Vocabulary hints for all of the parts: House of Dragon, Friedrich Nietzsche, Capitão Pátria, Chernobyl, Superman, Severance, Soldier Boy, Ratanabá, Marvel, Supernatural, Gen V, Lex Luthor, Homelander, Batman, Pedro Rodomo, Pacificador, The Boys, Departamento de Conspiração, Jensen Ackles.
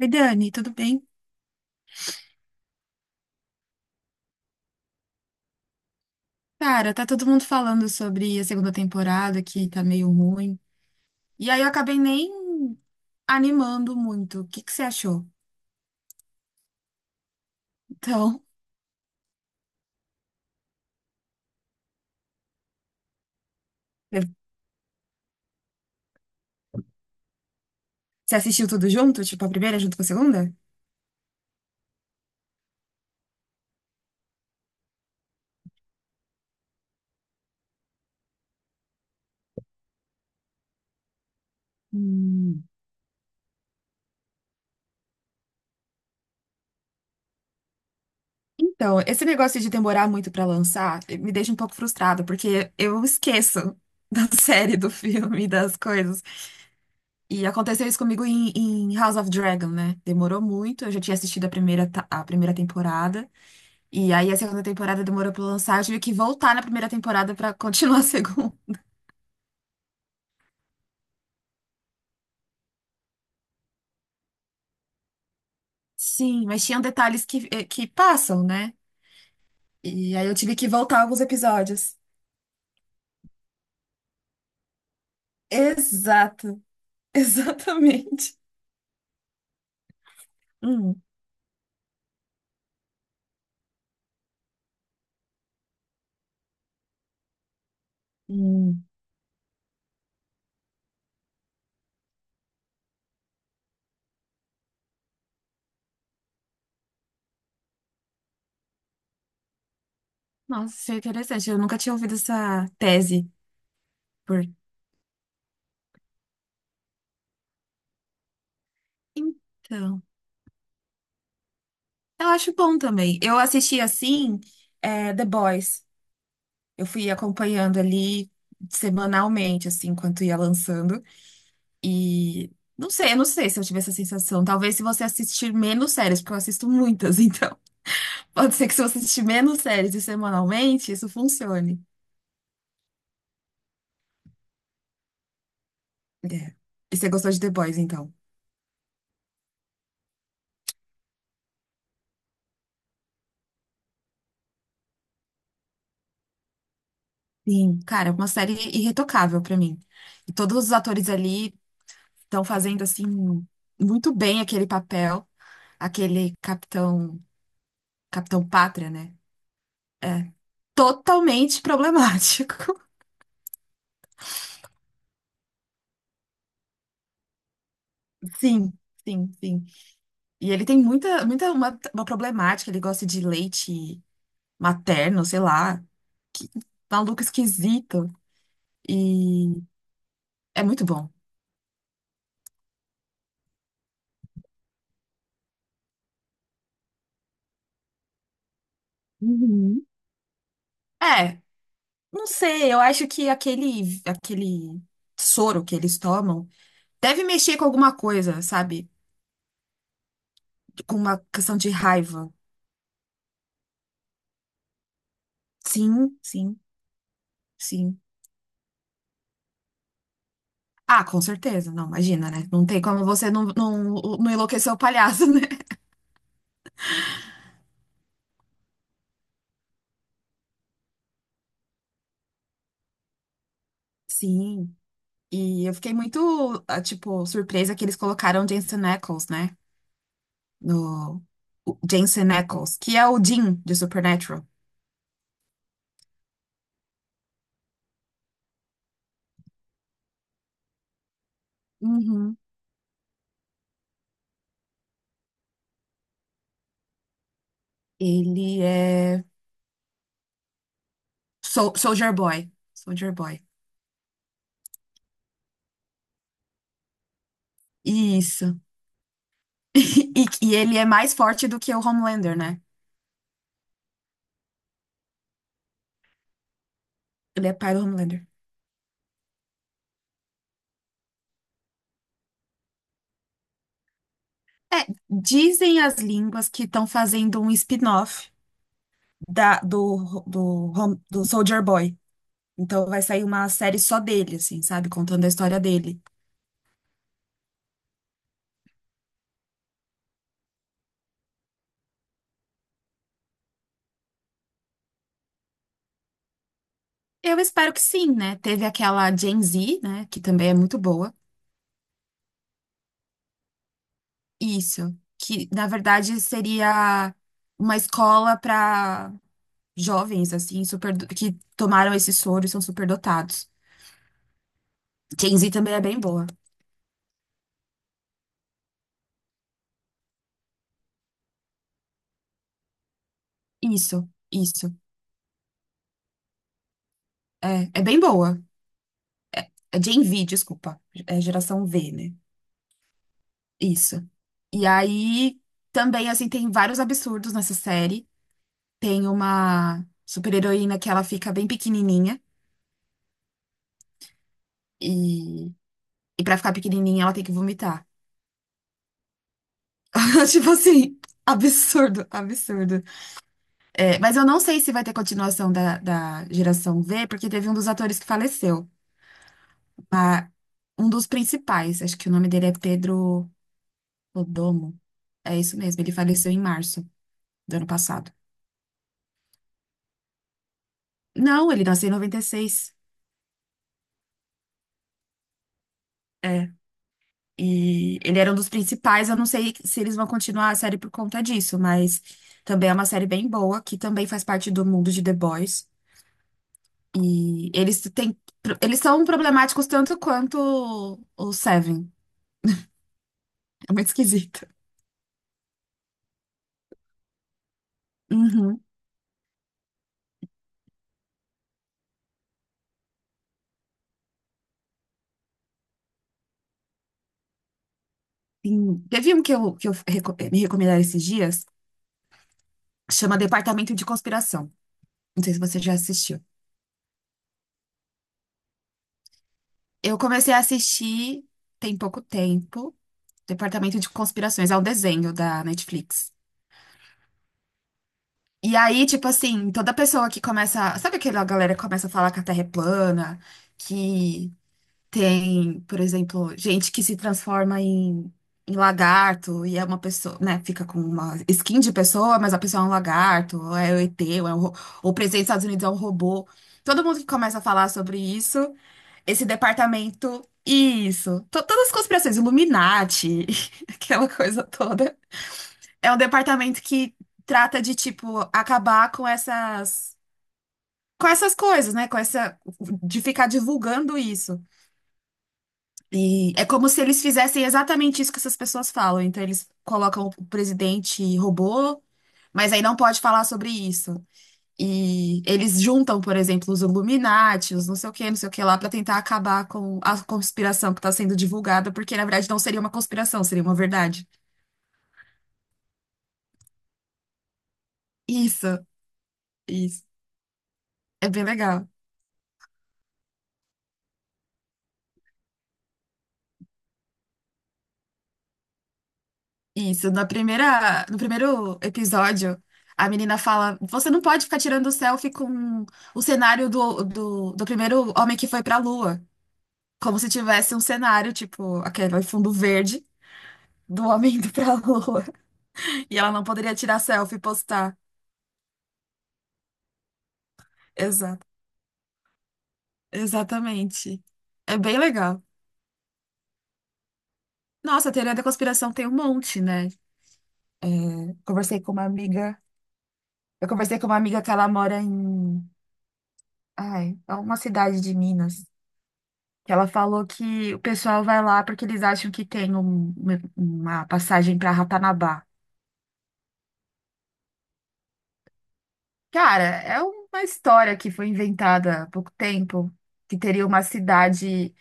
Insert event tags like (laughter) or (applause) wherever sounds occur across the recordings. Oi, Dani, tudo bem? Cara, tá todo mundo falando sobre a segunda temporada que tá meio ruim. E aí eu acabei nem animando muito. O que que você achou? Então, você assistiu tudo junto? Tipo, a primeira junto com a segunda? Hum, Então, esse negócio de demorar muito pra lançar me deixa um pouco frustrada, porque eu esqueço da (laughs) série, do filme, das coisas. E aconteceu isso comigo em House of Dragon, né? Demorou muito, eu já tinha assistido a primeira, a primeira temporada. E aí a segunda temporada demorou pra lançar, eu tive que voltar na primeira temporada pra continuar a segunda. Sim, mas tinham detalhes que passam, né? E aí eu tive que voltar alguns episódios. Exato, (laughs) exatamente. Hum, hum. Nossa, isso é interessante. Eu nunca tinha ouvido essa tese. Por... Então, eu acho bom também. Eu assisti assim, The Boys. Eu fui acompanhando ali semanalmente, assim, enquanto ia lançando. E eu não sei se eu tive essa sensação. Talvez se você assistir menos séries, porque eu assisto muitas, (laughs) então pode ser que se você assistir menos séries e semanalmente, isso funcione. É. E você gostou de The Boys, então? Sim. Cara, é uma série irretocável pra mim. E todos os atores ali estão fazendo assim muito bem aquele papel, aquele capitão, Capitão Pátria, né? É totalmente problemático. (laughs) Sim, sim, sim. E ele tem muita uma problemática, ele gosta de leite materno, sei lá, que maluco esquisito. E é muito bom. Uhum. É, não sei, eu acho que aquele soro que eles tomam deve mexer com alguma coisa, sabe? Com uma questão de raiva. Sim, sim, sim. Ah, com certeza, não, imagina, né? Não tem como você não enlouquecer o palhaço, (laughs) né? Sim. E eu fiquei muito, ah, tipo, surpresa que eles colocaram Jensen Ackles, né? No o Jensen Ackles, que é o Dean de Supernatural. Uhum. Ele é Soldier Boy. Soldier Boy. Isso. (laughs) E, e ele é mais forte do que o Homelander, né? Ele é pai do Homelander. É, dizem as línguas que estão fazendo um spin-off da, do, do, Hom- do Soldier Boy. Então vai sair uma série só dele, assim, sabe? Contando a história dele. Eu espero que sim, né? Teve aquela Gen Z, né? Que também é muito boa. Isso. Que, na verdade, seria uma escola para jovens, assim, super, que tomaram esse soro e são superdotados. Gen Z também é bem boa. Isso, isso. É bem boa. É Gen V, desculpa. É geração V, né? Isso. E aí, também, assim, tem vários absurdos nessa série. Tem uma super-heroína que ela fica bem pequenininha. e E pra ficar pequenininha, ela tem que vomitar. (laughs) Tipo assim, absurdo, absurdo. É, mas eu não sei se vai ter continuação da geração V, porque teve um dos atores que faleceu. a- Um dos principais, acho que o nome dele é Pedro Rodomo. É isso mesmo, ele faleceu em março do ano passado. Não, ele nasceu em 96. É. E ele era um dos principais. Eu não sei se eles vão continuar a série por conta disso, mas também é uma série bem boa, que também faz parte do mundo de The Boys. E eles têm, eles são problemáticos tanto quanto o Seven. É muito esquisito. Uhum. Sim. Teve um que me recomendaram esses dias, chama Departamento de Conspiração. Não sei se você já assistiu. Eu comecei a assistir tem pouco tempo, Departamento de Conspirações, é um desenho da Netflix. E aí, tipo assim, toda pessoa que começa. Sabe aquela galera que começa a falar que a Terra é plana, que tem, por exemplo, gente que se transforma em lagarto e é uma pessoa, né? Fica com uma skin de pessoa, mas a pessoa é um lagarto, ou é o ET, ou, é um, ro- ou o presidente dos Estados Unidos é um robô. Todo mundo que começa a falar sobre isso, esse departamento, isso. Todas as conspirações, Illuminati, (laughs) aquela coisa toda. É um departamento que trata de, tipo, acabar com essas. Com essas coisas, né? Com essa. De ficar divulgando isso. E é como se eles fizessem exatamente isso que essas pessoas falam. Então, eles colocam o presidente robô, mas aí não pode falar sobre isso. E eles juntam, por exemplo, os Illuminati, os não sei o que, não sei o que lá, para tentar acabar com a conspiração que está sendo divulgada, porque na verdade não seria uma conspiração, seria uma verdade. Isso, isso. É bem legal. Isso. No primeiro episódio, a menina fala: Você não pode ficar tirando selfie com o cenário do primeiro homem que foi para a Lua. Como se tivesse um cenário, tipo, aquele fundo verde do homem indo pra lua. (laughs) E ela não poderia tirar selfie e postar. Exato. Exatamente. É bem legal. Nossa, a teoria da conspiração tem um monte, né? Conversei com uma amiga. Eu conversei com uma amiga que ela mora em. Ai, é uma cidade de Minas. Que ela falou que o pessoal vai lá porque eles acham que tem uma passagem para Ratanabá. Cara, é uma história que foi inventada há pouco tempo, que teria uma cidade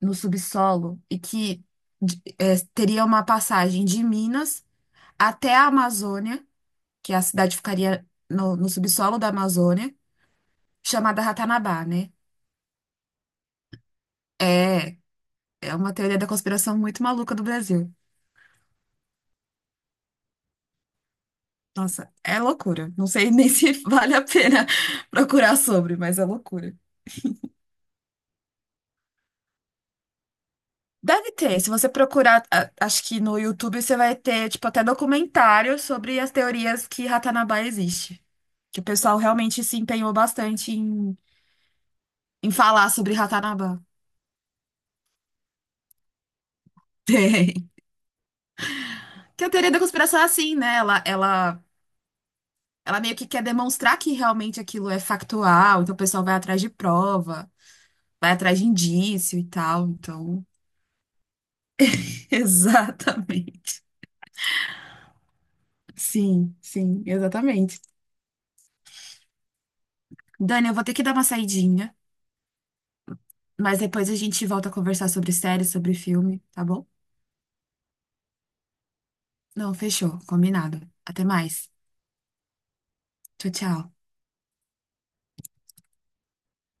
no subsolo e que teria uma passagem de Minas até a Amazônia, que a cidade ficaria no subsolo da Amazônia, chamada Ratanabá, né? É, é uma teoria da conspiração muito maluca do Brasil. Nossa, é loucura. Não sei nem (laughs) se vale a pena (laughs) procurar sobre, mas é loucura. Deve ter. Se você procurar, acho que no YouTube você vai ter, tipo, até documentário sobre as teorias que Ratanabá existe. Que o pessoal realmente se empenhou bastante em falar sobre Ratanabá. (laughs) Tem. Que a teoria da conspiração é assim, né? Ela meio que quer demonstrar que realmente aquilo é factual, então o pessoal vai atrás de prova, vai atrás de indício e tal. Então, (laughs) exatamente. Sim, sim, exatamente. Dani, eu vou ter que dar uma saidinha, mas depois a gente volta a conversar sobre série, sobre filme, tá bom? Não, fechou, combinado. Até mais. Tchau, tchau.